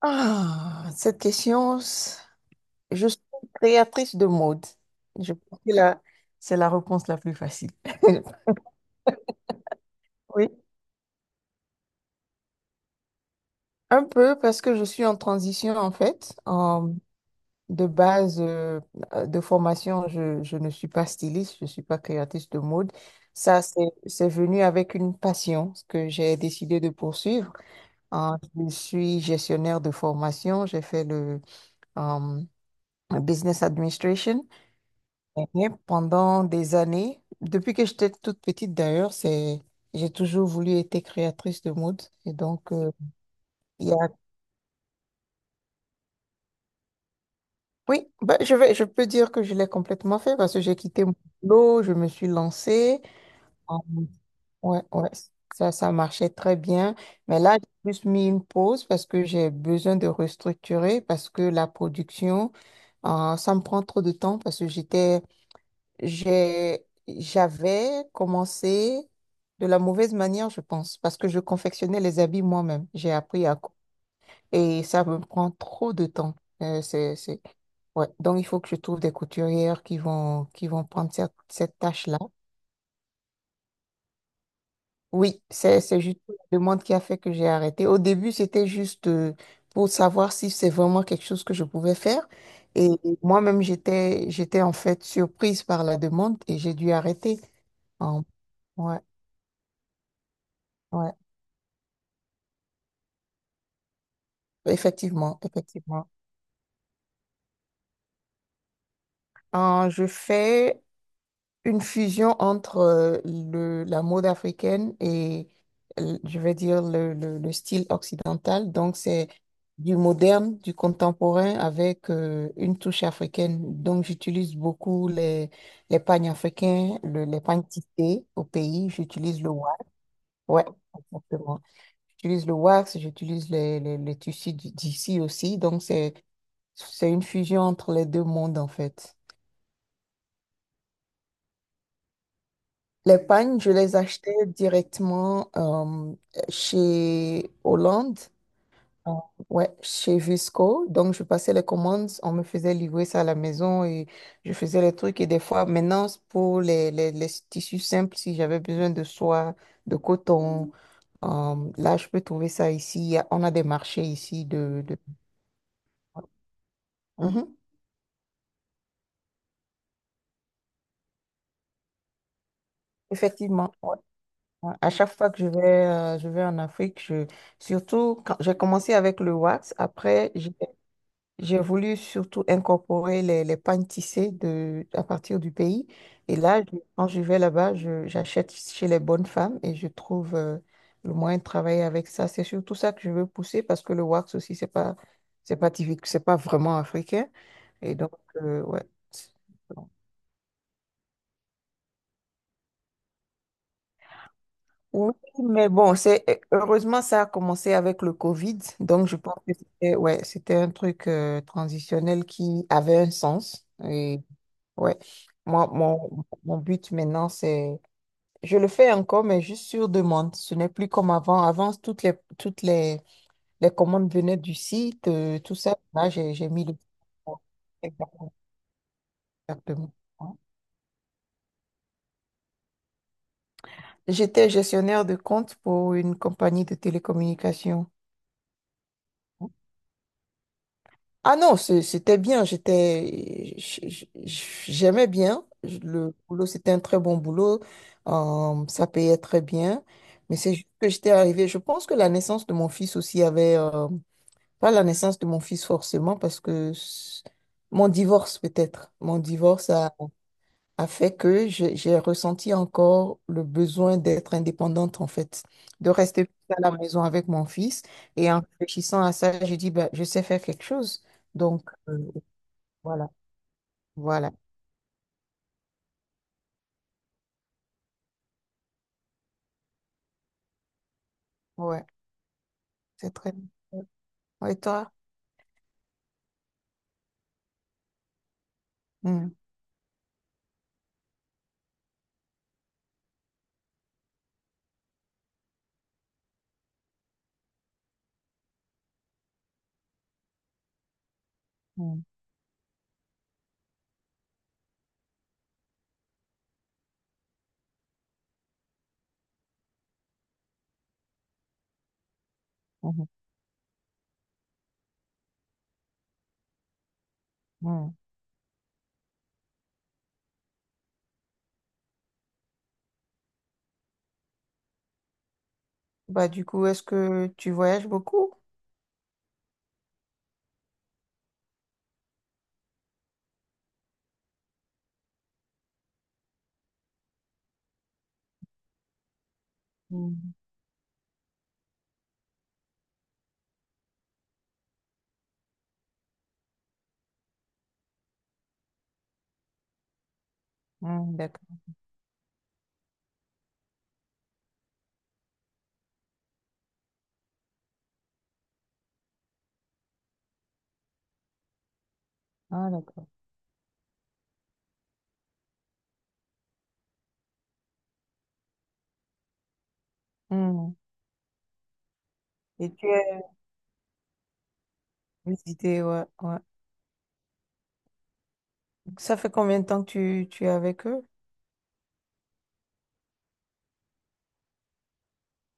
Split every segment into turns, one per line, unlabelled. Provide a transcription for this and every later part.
Ah, cette question, je suis créatrice de mode. Je pense que là, c'est la réponse la plus facile. Oui, un peu parce que je suis en transition en fait. De base de formation, je ne suis pas styliste, je ne suis pas créatrice de mode. Ça, c'est, c'est venu avec une passion que j'ai décidé de poursuivre. Je suis gestionnaire de formation, j'ai fait le euh, business administration. Et pendant des années, depuis que j'étais toute petite d'ailleurs, c'est j'ai toujours voulu être créatrice de mode. Et donc, il y a... oui, ben, je peux dire que je l'ai complètement fait parce que j'ai quitté mon boulot, je me suis lancée. Euh, ouais, ouais, ça marchait très bien. Mais là, j'ai plus mis une pause parce que j'ai besoin de restructurer parce que la production, ça me prend trop de temps parce que j'avais commencé de la mauvaise manière, je pense, parce que je confectionnais les habits moi-même. J'ai appris à... Et ça me prend trop de temps. Euh, c'est, c'est... Ouais. Donc, il faut que je trouve des couturières qui qui vont prendre cette tâche-là. Oui, c'est juste la demande qui a fait que j'ai arrêté. Au début, c'était juste pour savoir si c'est vraiment quelque chose que je pouvais faire. Et moi-même, j'étais en fait surprise par la demande et j'ai dû arrêter. En- ouais. Ouais. Effectivement, effectivement. Je fais une fusion entre la mode africaine et, je vais dire, le style occidental. Donc, c'est du moderne, du contemporain avec une touche africaine. Donc, j'utilise beaucoup les pagnes africains, les pagnes tissés au pays. J'utilise le wax. Ouais, exactement. J'utilise le wax, j'utilise les tissus d'ici aussi. C'est une fusion entre les deux mondes, en fait. Les pagnes, je les achetais directement chez Hollande, euh, ouais, chez Visco. Donc, je passais les commandes, on me faisait livrer ça à la maison et je faisais les trucs. Et des fois, maintenant, c'est pour les tissus simples, si j'avais besoin de soie, de coton, là, je peux trouver ça ici. On a des marchés ici Mhm. Effectivement, ouais, ouais. À chaque fois que je vais en Afrique, je... surtout quand j'ai commencé avec le wax, après j'ai voulu surtout incorporer les pagnes tissées à partir du pays. Et là, quand je vais là-bas, j'achète chez les bonnes femmes et je trouve le moyen de travailler avec ça. C'est surtout ça que je veux pousser parce que le wax aussi, c'est pas typique, c'est pas vraiment africain. Et donc, ouais. Oui, mais bon, c'est heureusement ça a commencé avec le Covid, donc je pense que c'était ouais, c'était un truc transitionnel qui avait un sens. Ouais. Moi, mon but maintenant, c'est... Je le fais encore, mais juste sur demande. Ce n'est plus comme avant. Avant, les commandes venaient du site, tout ça. Là, j'ai mis le... Exactement. J'étais gestionnaire de compte pour une compagnie de télécommunications. Ah non, c'était bien. J'aimais bien. Le boulot, c'était un très bon boulot. Ça payait très bien. Mais c'est juste que j'étais arrivée. Je pense que la naissance de mon fils aussi avait, pas la naissance de mon fils forcément, parce que mon divorce peut-être, a fait que j'ai ressenti encore le besoin d'être indépendante en fait, de rester à la maison avec mon fils. Et en réfléchissant à ça, j'ai dit, bah, je sais faire quelque chose. Donc, voilà, voilà. Ouais, c'est très bien. Ouais, Et toi? Hmm, hmm, hmm, hmm. Bah, du coup, est-ce que tu voyages beaucoup? Hmm, hmm, d'accord. Ah, d'accord. Hmm. Et tu as visité, ouais, ouais. Ça fait combien de temps que tu es avec eux?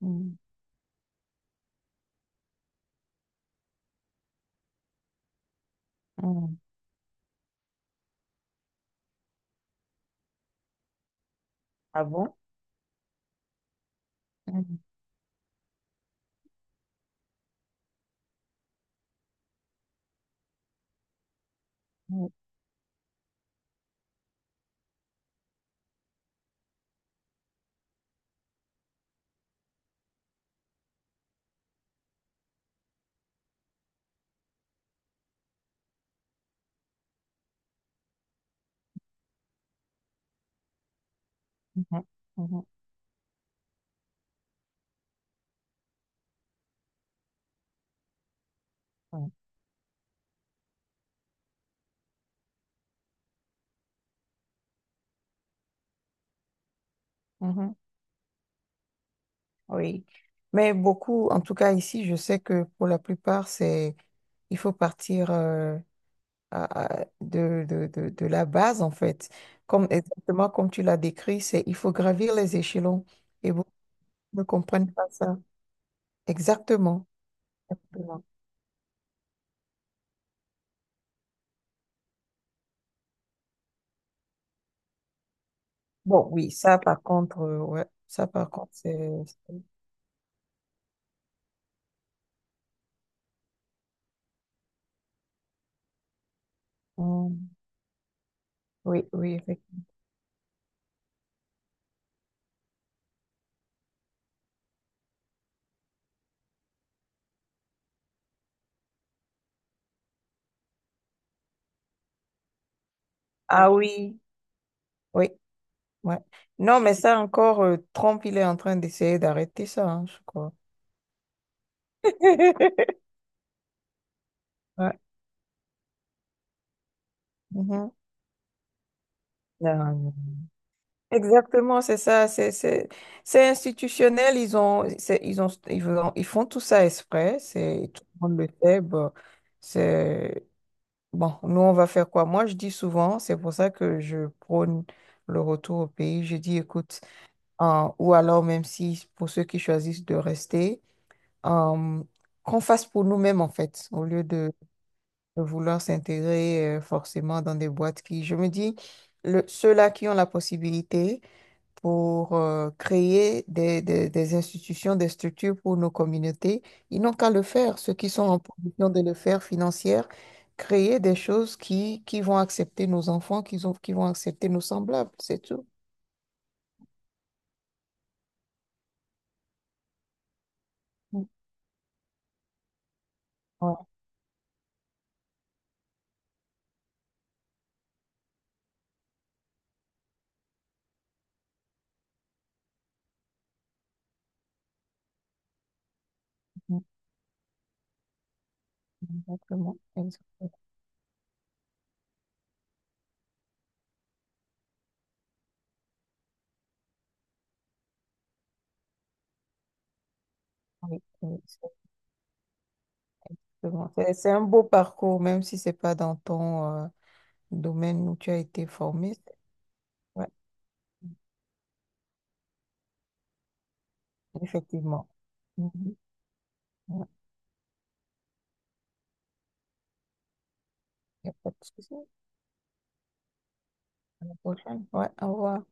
Hmm, hmm. Ah bon? Hmm, hmm, hmm, hmm, hmm, hmm. Oui. Mais beaucoup, en tout cas ici, je sais que pour la plupart, il faut partir. De la base, en fait. Comme, exactement comme tu l'as décrit, c'est il faut gravir les échelons et beaucoup ne comprennent pas ça. Exactement. Exactement. Bon, oui, ça par contre, ouais, ça par contre, hum, oui, oui, effectivement. Ah oui, oui, ouais. Non, mais ça encore, Trump, il est en train d'essayer d'arrêter ça, hein, je crois. Ouais. Mhm. Non, non. Exactement, c'est institutionnel, ils ont c'est- ils ont ils font tout ça exprès, c'est tout le monde le sait, bon, c'est bon, nous on va faire quoi? Moi je dis souvent, c'est pour ça que je prône le retour au pays, je dis écoute, ou alors même si pour ceux qui choisissent de rester, euh, qu'on fasse pour nous-mêmes en fait, au lieu de vouloir s'intégrer forcément dans des boîtes qui, je me dis, ceux-là qui ont la possibilité pour créer des institutions, des structures pour nos communautés. Ils n'ont qu'à le faire, ceux qui sont en position de le faire financière, créer des choses qui vont accepter nos enfants, qui vont accepter nos semblables, c'est tout. Mm. Ouais, mm, exactement. Exactement. Oui, oui, exactement. C'est un beau parcours, même si c'est pas dans ton domaine où tu as été formé. C'est- Ouais, effectivement. Mhm. Ouais, y a pas de souci. À la prochaine. Ouais, au revoir.